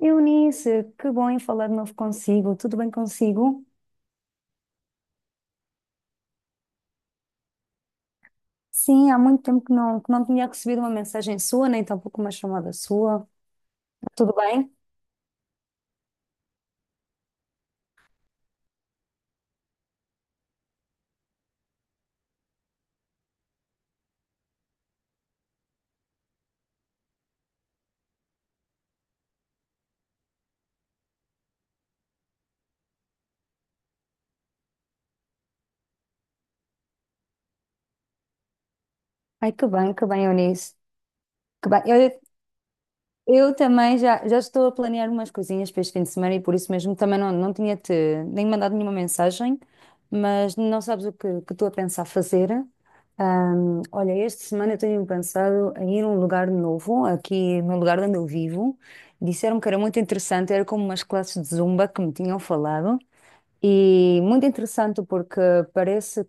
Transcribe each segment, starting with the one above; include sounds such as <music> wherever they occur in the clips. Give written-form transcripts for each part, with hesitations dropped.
Eunice, que bom em falar de novo consigo. Tudo bem consigo? Sim, há muito tempo que não tinha recebido uma mensagem sua, nem tampouco uma chamada sua. Tudo bem? Ai, que bem, Eunice. Que bem. Eu também já estou a planear umas coisinhas para este fim de semana e por isso mesmo também não tinha-te nem mandado nenhuma mensagem, mas não sabes o que estou a pensar fazer. Olha, esta semana eu tenho pensado em ir a um lugar novo, aqui no lugar onde eu vivo. Disseram que era muito interessante, era como umas classes de zumba que me tinham falado. E muito interessante porque parece.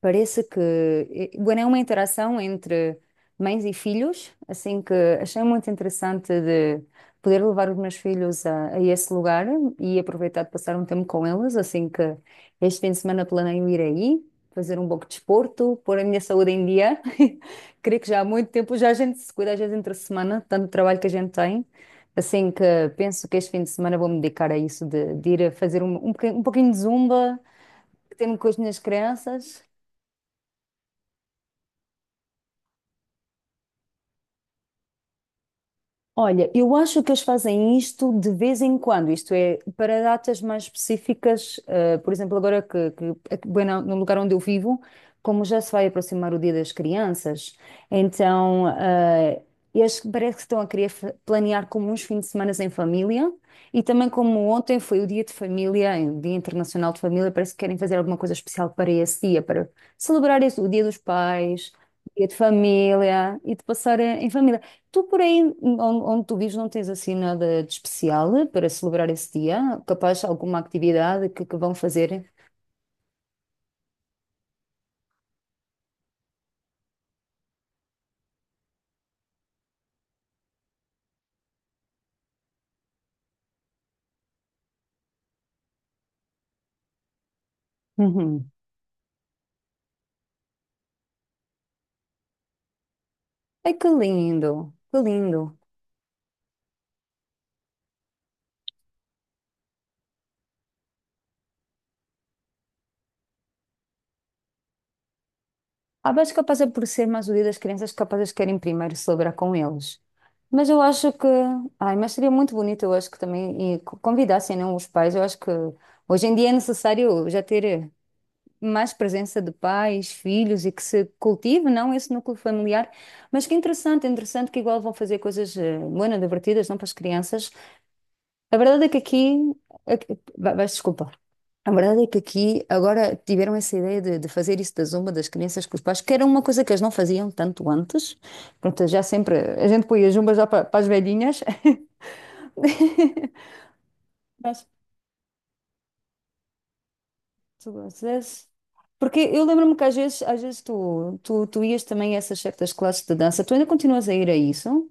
Parece que, bueno, é uma interação entre mães e filhos, assim que achei muito interessante de poder levar os meus filhos a esse lugar e aproveitar de passar um tempo com eles, assim que este fim de semana planeio ir aí, fazer um pouco de desporto, pôr a minha saúde em dia. <laughs> Creio que já há muito tempo já a gente se cuida às vezes entre semana, tanto trabalho que a gente tem, assim que penso que este fim de semana vou me dedicar a isso, de ir a fazer um pouquinho de zumba, que tenho com as minhas crianças. Olha, eu acho que eles fazem isto de vez em quando, isto é, para datas mais específicas, por exemplo, agora que aqui, bem, no lugar onde eu vivo, como já se vai aproximar o Dia das Crianças, então eles parece que estão a querer planear como uns fins de semana em família e também como ontem foi o Dia de Família, o Dia Internacional de Família, parece que querem fazer alguma coisa especial para esse dia, para celebrar o Dia dos Pais, o Dia de Família e de passar em família. Tu por aí, onde tu vives, não tens assim nada de especial para celebrar esse dia? Capaz alguma atividade que vão fazer? Uhum. Ai, que lindo, que lindo. Ah, mas capaz é por ser mais o dia das crianças, capazes querem primeiro celebrar com eles. Mas ai, mas seria muito bonito, eu acho que também, e convidassem, não, os pais, eu acho que hoje em dia é necessário já ter, mais presença de pais, filhos e que se cultive, não esse núcleo familiar. Mas que interessante, interessante que igual vão fazer coisas bueno, divertidas, não para as crianças. A verdade é que aqui, vais desculpar. A verdade é que aqui agora tiveram essa ideia de fazer isso da zumba das crianças com os pais, que era uma coisa que eles não faziam tanto antes. Pronto, já sempre a gente põe a zumba já para as velhinhas. <laughs> Tu gostas? Porque eu lembro-me que às vezes tu ias também a essas certas classes de dança. Tu ainda continuas a ir a isso?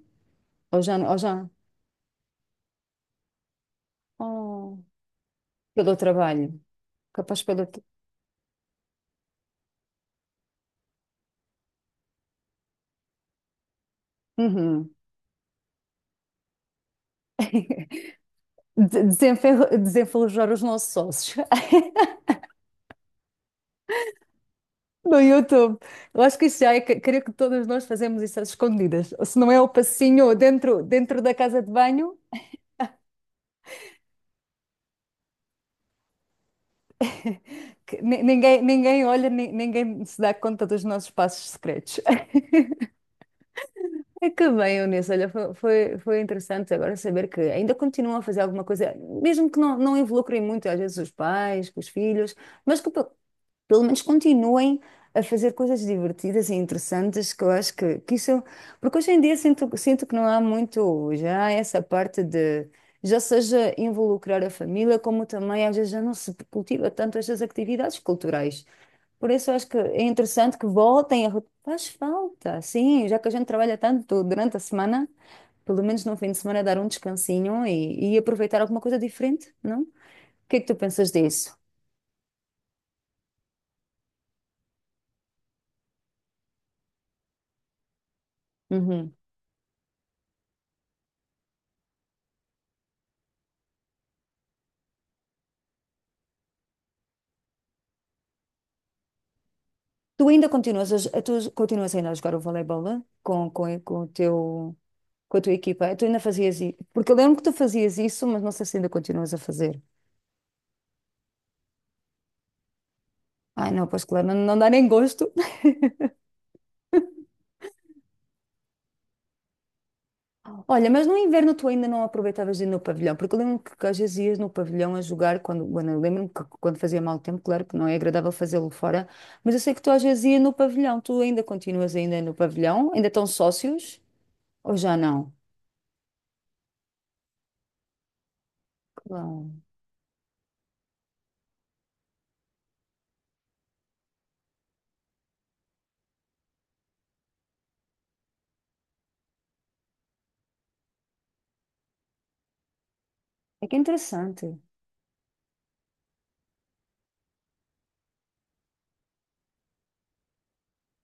Ou já? Oh, pelo trabalho. Capaz pelo. tra- Uhum. <laughs> Desenferrujar os nossos sócios. <laughs> No YouTube. Eu acho que Creio que todas nós fazemos isso às escondidas. Ou se não é o passinho ou dentro, dentro da casa de banho. <laughs> Que ninguém, ninguém olha, ninguém se dá conta dos nossos passos secretos. É que bem, Eunice, olha, foi interessante agora saber que ainda continuam a fazer alguma coisa, mesmo que não involucrem muito, às vezes, os pais, com os filhos, mas pelo menos continuem a fazer coisas divertidas e interessantes, que eu acho que isso. Porque hoje em dia sinto que não há muito já essa parte de, já seja involucrar a família, como também às vezes já não se cultiva tanto estas atividades culturais. Por isso eu acho que é interessante que voltem a... Faz falta, sim, já que a gente trabalha tanto durante a semana, pelo menos no fim de semana dar um descansinho e aproveitar alguma coisa diferente, não? O que é que tu pensas disso? Uhum. Tu ainda tu continuas ainda a jogar o voleibol, né? Com, eh, com o teu, com a tua equipa? Tu ainda fazias isso? Porque eu lembro que tu fazias isso, mas não sei se ainda continuas a fazer. Ai, não, pois claro, não, não dá nem gosto. Olha, mas no inverno tu ainda não aproveitavas de ir no pavilhão, porque eu lembro que às vezes ias no pavilhão a jogar, quando, bueno, eu lembro-me que quando fazia mau tempo, claro que não é agradável fazê-lo fora, mas eu sei que tu às vezes ias no pavilhão, tu ainda continuas ainda no pavilhão, ainda estão sócios, ou já não? Claro. É que é interessante.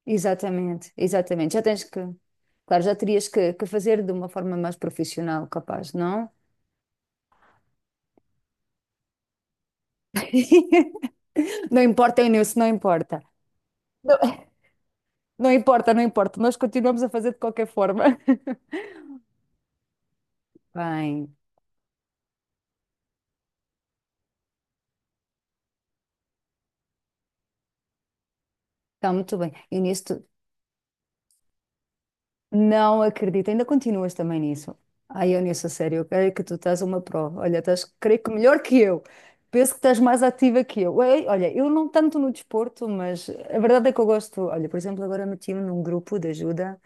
Exatamente, exatamente. Claro, já terias que fazer de uma forma mais profissional, capaz, não? <laughs> Não importa, Inês, não importa. Não, não importa, não importa, nós continuamos a fazer de qualquer forma. Bem, está muito bem. E nisso tu Não acredito, ainda continuas também nisso. Ai, eu nisso, a sério, eu creio que tu estás uma prova. Olha, estás, creio que melhor que eu. Penso que estás mais ativa que eu. Ei, olha, eu não tanto no desporto, mas a verdade é que eu gosto. Olha, por exemplo, agora meti-me num grupo de ajuda.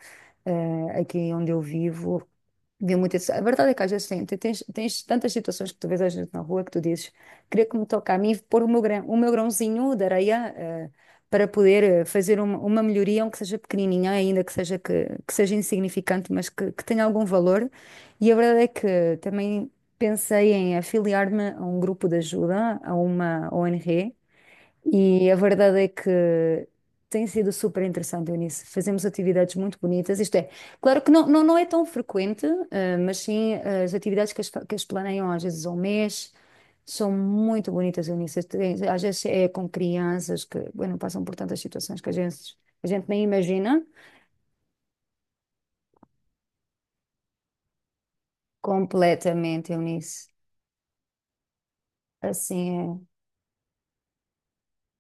Aqui onde eu vivo. Vê muito isso. A verdade é que às vezes tens tantas situações que tu vês a gente na rua que tu dizes, queria que me toque a mim pôr o meu grão, o meu grãozinho de areia, para poder, fazer uma melhoria, aunque seja pequenininha, ainda que seja, que seja insignificante, mas que tenha algum valor. E a verdade é que também pensei em afiliar-me a um grupo de ajuda, a uma ONG, e a verdade é que tem sido super interessante, Eunice. Fazemos atividades muito bonitas. Isto é, claro que não é tão frequente, mas sim, eh, as atividades que as, fa- que as planeiam às vezes ao mês são muito bonitas, Eunice. Às vezes é com crianças que, bueno, passam por tantas situações que a gente nem imagina. Completamente, Eunice. Assim é.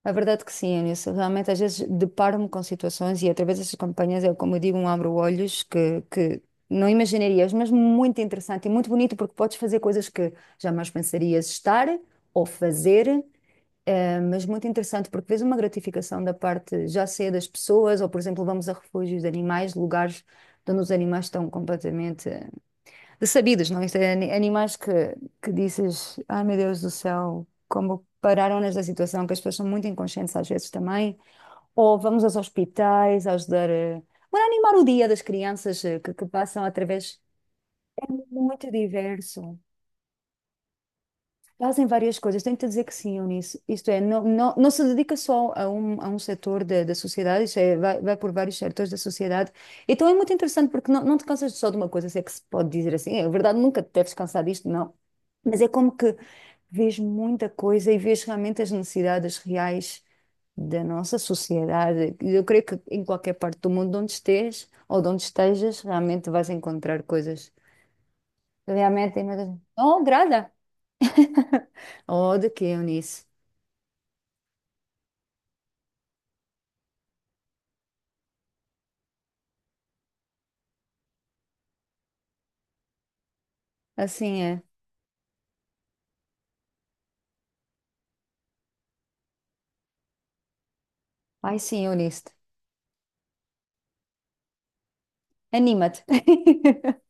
A verdade que sim, Anilson. Realmente, às vezes deparo-me com situações e através destas campanhas eu, como eu digo, um abro-olhos que não imaginarias, mas muito interessante e muito bonito porque podes fazer coisas que jamais pensarias estar ou fazer, mas muito interessante porque vês uma gratificação da parte, já seja das pessoas ou, por exemplo, vamos a refúgios de animais, lugares onde os animais estão completamente sabidos, não? Isto é animais que dizes, ai meu Deus do céu, como pararam nesta situação, que as pessoas são muito inconscientes às vezes também. Ou vamos aos hospitais, ajudar. Para animar o dia das crianças, que passam através. É muito diverso. Fazem várias coisas, tenho-te dizer que sim, Eunice. Isto é, não se dedica só a um setor da sociedade, isto é, vai por vários setores da sociedade. Então é muito interessante porque não te cansas só de uma coisa, se é que se pode dizer assim. É, é verdade, nunca te deves cansar disto, não. Mas é como que vês muita coisa e vês realmente as necessidades reais da nossa sociedade. Eu creio que em qualquer parte do mundo onde estejas ou de onde estejas, realmente vais encontrar coisas. Realmente, tem muita- não agrada. <laughs> Oh, de quê, Eunice? Assim é. Ai, sim, Eunice. Anima-te. <laughs>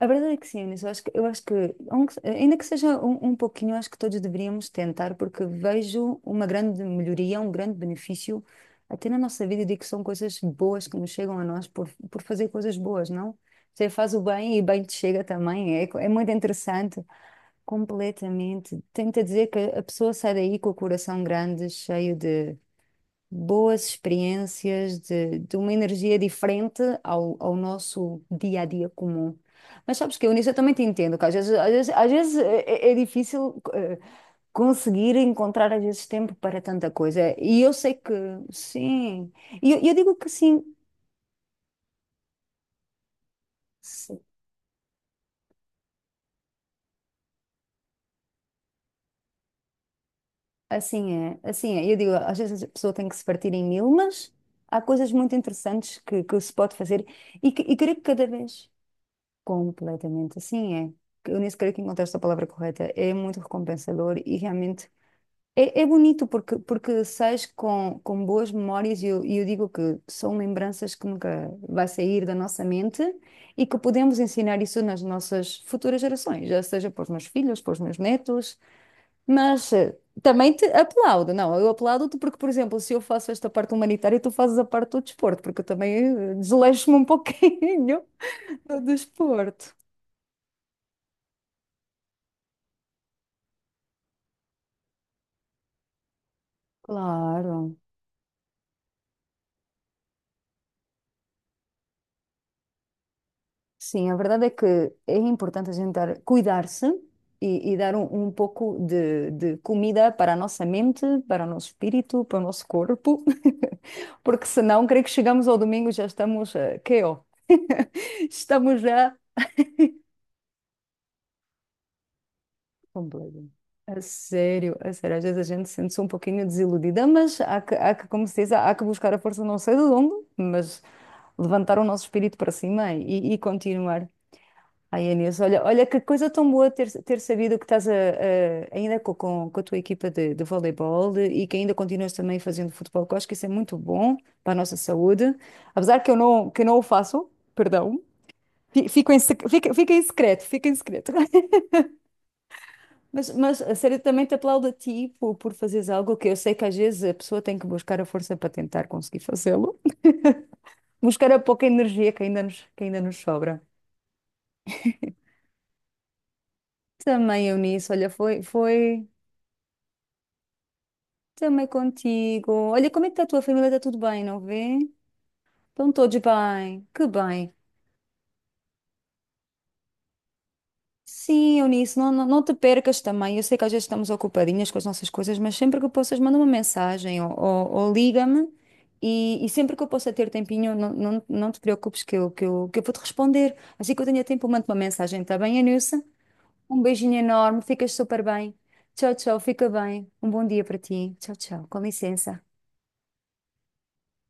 A verdade é que sim, Eunice. Eu acho que ainda que seja um, um pouquinho, eu acho que todos deveríamos tentar, porque vejo uma grande melhoria, um grande benefício até na nossa vida. Eu digo que são coisas boas que nos chegam a nós por fazer coisas boas, não? Você faz o bem e bem te chega também. É, é muito interessante. Completamente. Tenta dizer que a pessoa sai daí com o coração grande, cheio de boas experiências, de uma energia diferente ao nosso dia a dia comum. Mas sabes que eu nisso eu também te entendo, que às vezes é, é difícil, conseguir encontrar às vezes tempo para tanta coisa. E eu sei que sim, e eu digo que sim, se- assim é, assim é. Eu digo, às vezes a pessoa tem que se partir em mil, mas há coisas muito interessantes que se pode fazer e creio que cada vez. Completamente, assim é. Eu nem sequer que encontraste a palavra correta. É muito recompensador e realmente é, é bonito porque, porque sais com boas memórias e eu digo que são lembranças que nunca vai sair da nossa mente e que podemos ensinar isso nas nossas futuras gerações, já seja para os meus filhos, para os meus netos, mas, também te aplaudo. Não, eu aplaudo-te porque, por exemplo, se eu faço esta parte humanitária, tu fazes a parte do desporto, porque eu também, desleixo-me um <laughs> pouquinho do desporto. Claro. Sim, a verdade é que é importante cuidar-se e dar um, um pouco de comida para a nossa mente, para o nosso espírito, para o nosso corpo, <laughs> porque senão, creio que chegamos ao domingo e já estamos, KO. <laughs> Estamos já. Completamente. A sério, a sério. Às vezes a gente sente-se um pouquinho desiludida, mas há que, como se diz, há que buscar a força não sei de onde, mas levantar o nosso espírito para cima e continuar. Ai, Inês, olha, olha que coisa tão boa ter sabido que estás ainda com a tua equipa de voleibol e que ainda continuas também fazendo futebol, que eu acho que isso é muito bom para a nossa saúde. Apesar que eu não o faço, perdão, fico em, fica em secreto, fica em secreto. <laughs> Mas a sério, também te aplaudo a ti por fazeres algo que eu sei que às vezes a pessoa tem que buscar a força para tentar conseguir fazê-lo, buscar a pouca energia que ainda nos sobra. Também eu nisso, olha, foi. Também contigo. Olha, como é que está a tua família? Está tudo bem, não vê? Estão todos bem. Que bem. Sim, Eunice, não te percas também. Eu sei que às vezes estamos ocupadinhas com as nossas coisas, mas sempre que possas, manda uma mensagem ou liga-me. E sempre que eu possa ter tempinho, não te preocupes que eu vou-te responder. Assim que eu tenha tempo, eu mando uma mensagem, está bem, Eunice? Um beijinho enorme, ficas super bem. Tchau, tchau, fica bem. Um bom dia para ti. Tchau, tchau. Com licença.